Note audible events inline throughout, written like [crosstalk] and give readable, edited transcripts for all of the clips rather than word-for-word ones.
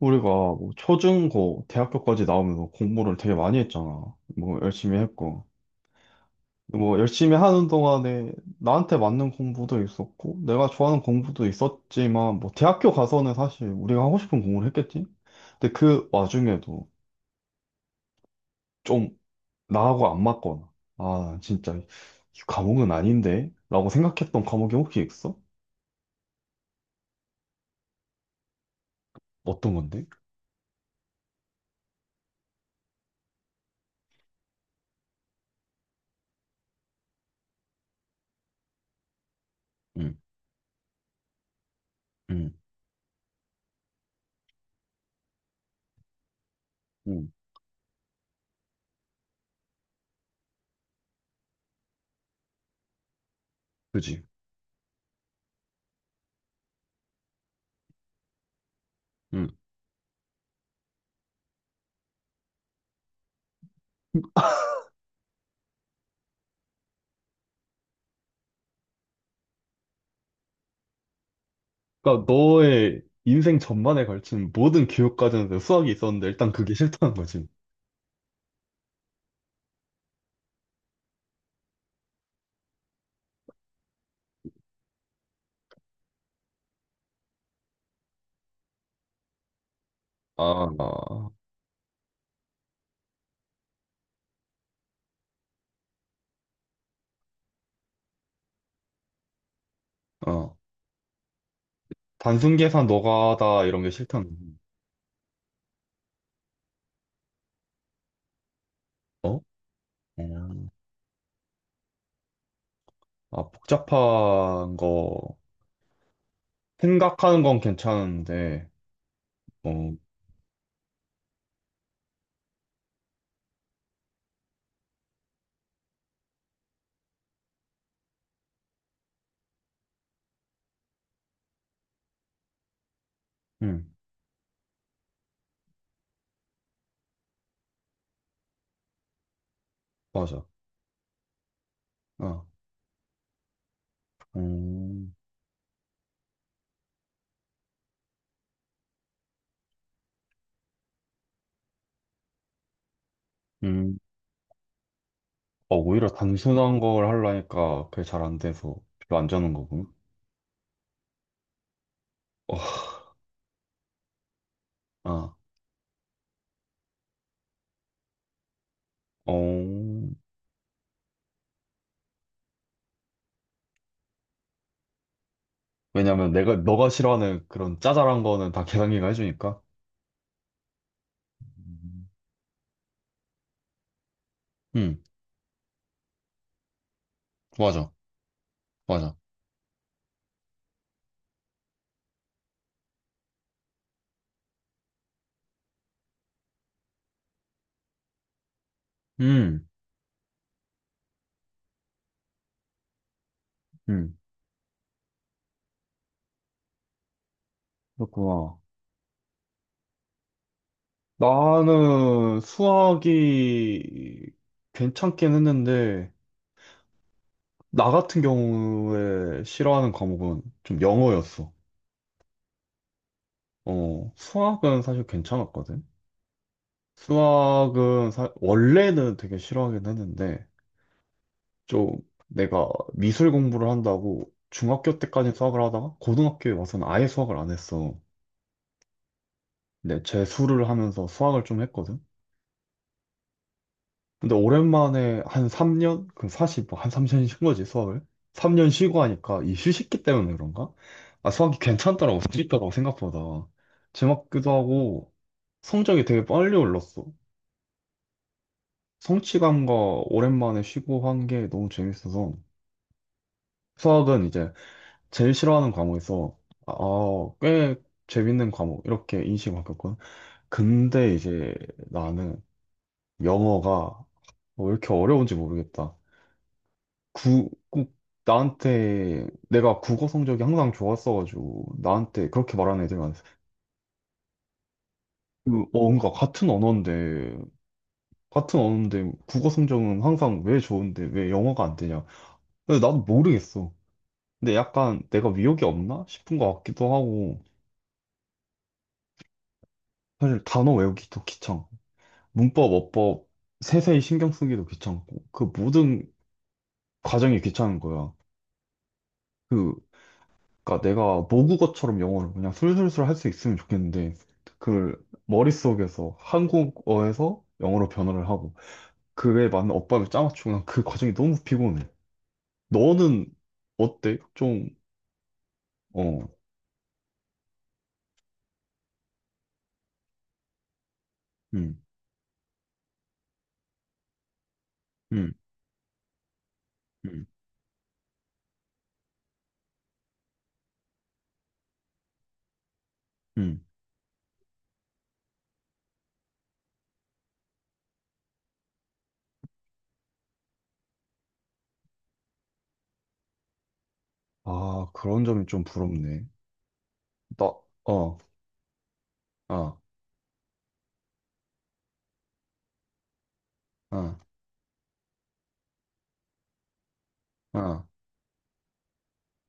우리가 뭐 초중고, 대학교까지 나오면서 공부를 되게 많이 했잖아. 뭐 열심히 했고. 뭐 열심히 하는 동안에 나한테 맞는 공부도 있었고, 내가 좋아하는 공부도 있었지만, 뭐 대학교 가서는 사실 우리가 하고 싶은 공부를 했겠지? 근데 그 와중에도 좀 나하고 안 맞거나, 아, 진짜 이 과목은 아닌데? 라고 생각했던 과목이 혹시 있어? 어떤 건데? 응, 응, 응, 그지? 그러니까 너의 인생 전반에 걸친 모든 교육 과정에서 수학이 있었는데 일단 그게 싫다는 거지. 아, 어. 어. 단순 계산 노가다 이런 게 싫다는 거지. 어? 음. 아, 복잡한 거 생각하는 건 괜찮은데, 어, 음, 맞아. 어, 음, 음. 어, 오히려 단순한 걸 하려니까 그게 잘 안 돼서 별로 안 자는 거구나. 어, 아, 어. 왜냐면 내가 너가 싫어하는 그런 짜잘한 거는 다 계산기가 해주니까. 음, 맞아, 맞아. 음, 음, 그렇구나. 나는 수학이 괜찮긴 했는데, 나 같은 경우에 싫어하는 과목은 좀 영어였어. 어, 수학은 사실 괜찮았거든. 수학은 원래는 되게 싫어하긴 했는데, 좀 내가 미술 공부를 한다고 중학교 때까지 수학을 하다가 고등학교에 와서는 아예 수학을 안 했어. 근데 재수를 하면서 수학을 좀 했거든. 근데 오랜만에 한 3년? 그럼 사실 뭐 한 3년 쉰 거지, 수학을? 3년 쉬고 하니까 이 휴식기 때문에 그런가? 아, 수학이 괜찮더라고, 재밌더라고, 생각보다. 재밌기도 하고, 성적이 되게 빨리 올랐어. 성취감과 오랜만에 쉬고 한 게 너무 재밌어서. 수학은 이제 제일 싫어하는 과목에서, 아, 아, 꽤 재밌는 과목, 이렇게 인식이 바뀌었거든. 근데 이제 나는 영어가 뭐 왜 이렇게 어려운지 모르겠다. 꼭 나한테 내가 국어 성적이 항상 좋았어가지고 나한테 그렇게 말하는 애들 많았어. 그 어, 뭔가 같은 언어인데 국어 성적은 항상 왜 좋은데 왜 영어가 안 되냐? 근데 나도 모르겠어. 근데 약간 내가 위협이 없나 싶은 것 같기도 하고 사실 단어 외우기도 귀찮고 문법, 어법 세세히 신경 쓰기도 귀찮고 그 모든 과정이 귀찮은 거야. 그 그러니까 내가 모국어처럼 영어를 그냥 술술술 할 수 있으면 좋겠는데 그걸 머릿속에서 한국어에서 영어로 변화를 하고 그에 맞는 엇법을 짜맞추고 난 그 과정이 너무 피곤해. 너는 어때? 좀 어, 음, 음, 음, 음. 아, 그런 점이 좀 부럽네. 나, 어, 아, 아, 아,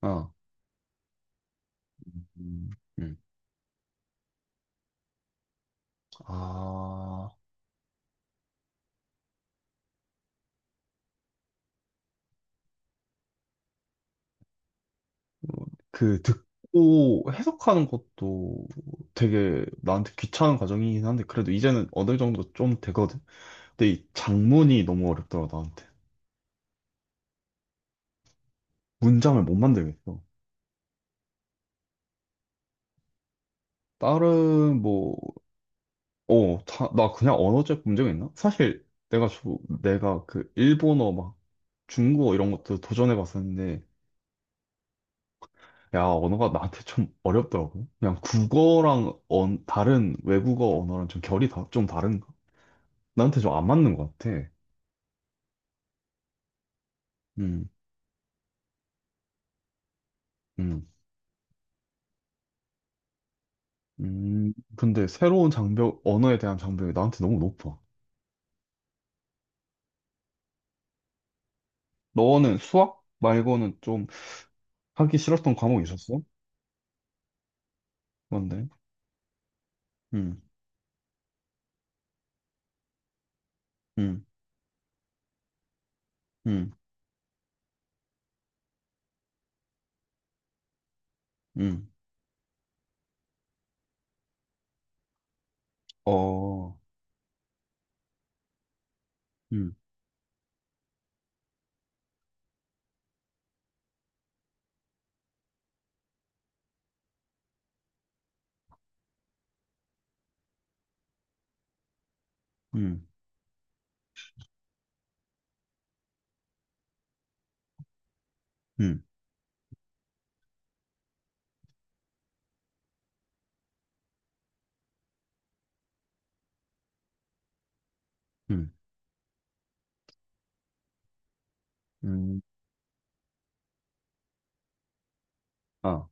아, 음, 음. 아. 그 듣고 해석하는 것도 되게 나한테 귀찮은 과정이긴 한데 그래도 이제는 어느 정도 좀 되거든. 근데 이 장문이 너무 어렵더라 나한테. 문장을 못 만들겠어. 다른 뭐, 나 그냥 언어적 문제가 있나? 사실 내가 저, 내가 그 일본어 막 중국어 이런 것도 도전해 봤었는데 야, 언어가 나한테 좀 어렵더라고. 그냥 국어랑 다른 외국어 언어랑 좀 결이 좀 다른가? 나한테 좀 안 맞는 것 같아. 음, 근데 새로운 장벽, 언어에 대한 장벽이 나한테 너무 높아. 너는 수학 말고는 좀 하기 싫었던 과목이 있었어? 뭔데? 음, 음, 음, 음, 어, 음, 음, 음, 음, 음, 아,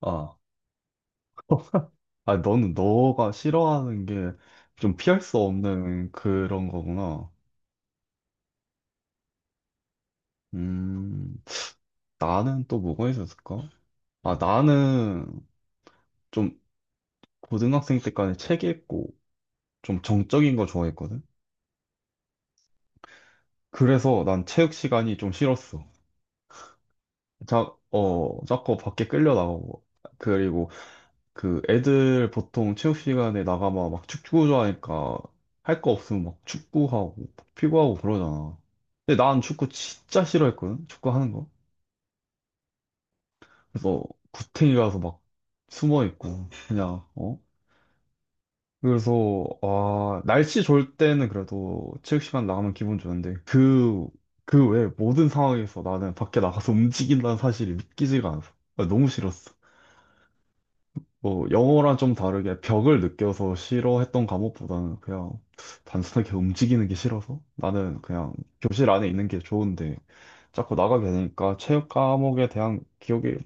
아, 아, 너는 너가 싫어하는 게 좀 피할 수 없는 그런 거구나. 음, 나는 또 뭐가 있었을까? 아, 나는 좀 고등학생 때까지 책 읽고 좀 정적인 거 좋아했거든. 그래서 난 체육 시간이 좀 싫었어. 자, 어, 자꾸 밖에 끌려 나가고. 그리고 그 애들 보통 체육 시간에 나가면 막 축구 좋아하니까 할 거 없으면 막 축구하고 피구하고 그러잖아. 근데 난 축구 진짜 싫어했거든. 축구 하는 거. 그래서 구탱이 가서 막 숨어 있고 그냥 어? 그래서 아 날씨 좋을 때는 그래도 체육시간 나가면 기분 좋은데 그 그 외 모든 상황에서 나는 밖에 나가서 [laughs] 움직인다는 사실이 믿기지가 않아서 아, 너무 싫었어. 뭐 영어랑 좀 다르게 벽을 느껴서 싫어했던 과목보다는 그냥 단순하게 움직이는 게 싫어서 나는 그냥 교실 안에 있는 게 좋은데 자꾸 나가게 되니까 체육 과목에 대한 기억이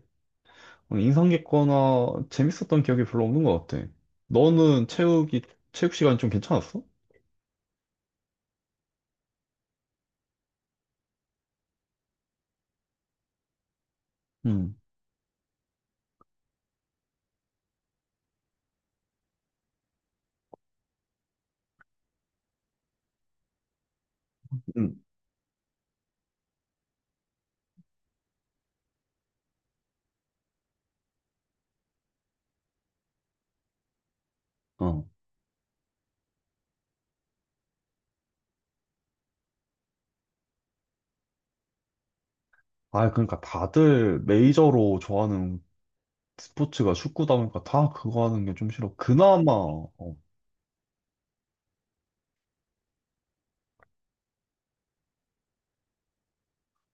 인상 깊거나 재밌었던 기억이 별로 없는 것 같아. 너는 체육이 체육 시간 좀 괜찮았어? 음, 음. 어. 아, 그러니까 다들 메이저로 좋아하는 스포츠가 축구다 보니까 다 그거 하는 게 좀 싫어. 그나마, 어.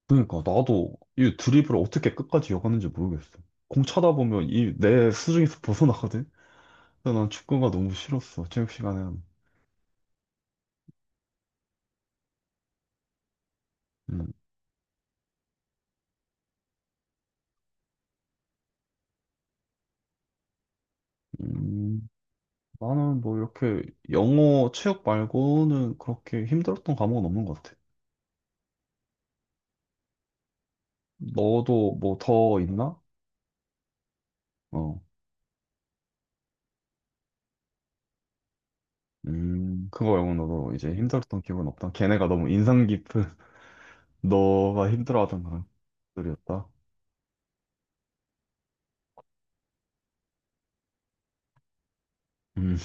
그러니까 나도 이 드리블을 어떻게 끝까지 이어가는지 모르겠어. 공 차다 보면 이 내 수중에서 벗어나거든? 근데 난 축구가 너무 싫었어, 체육 시간에는. 음, 음, 나는 뭐 이렇게 영어 체육 말고는 그렇게 힘들었던 과목은 없는 것 같아. 너도 뭐 더 있나? 어. 그거 말고 너도 이제 힘들었던 기억은 없다. 걔네가 너무 인상 깊은 [laughs] 너가 힘들어하던 그런 것들이었다. 음.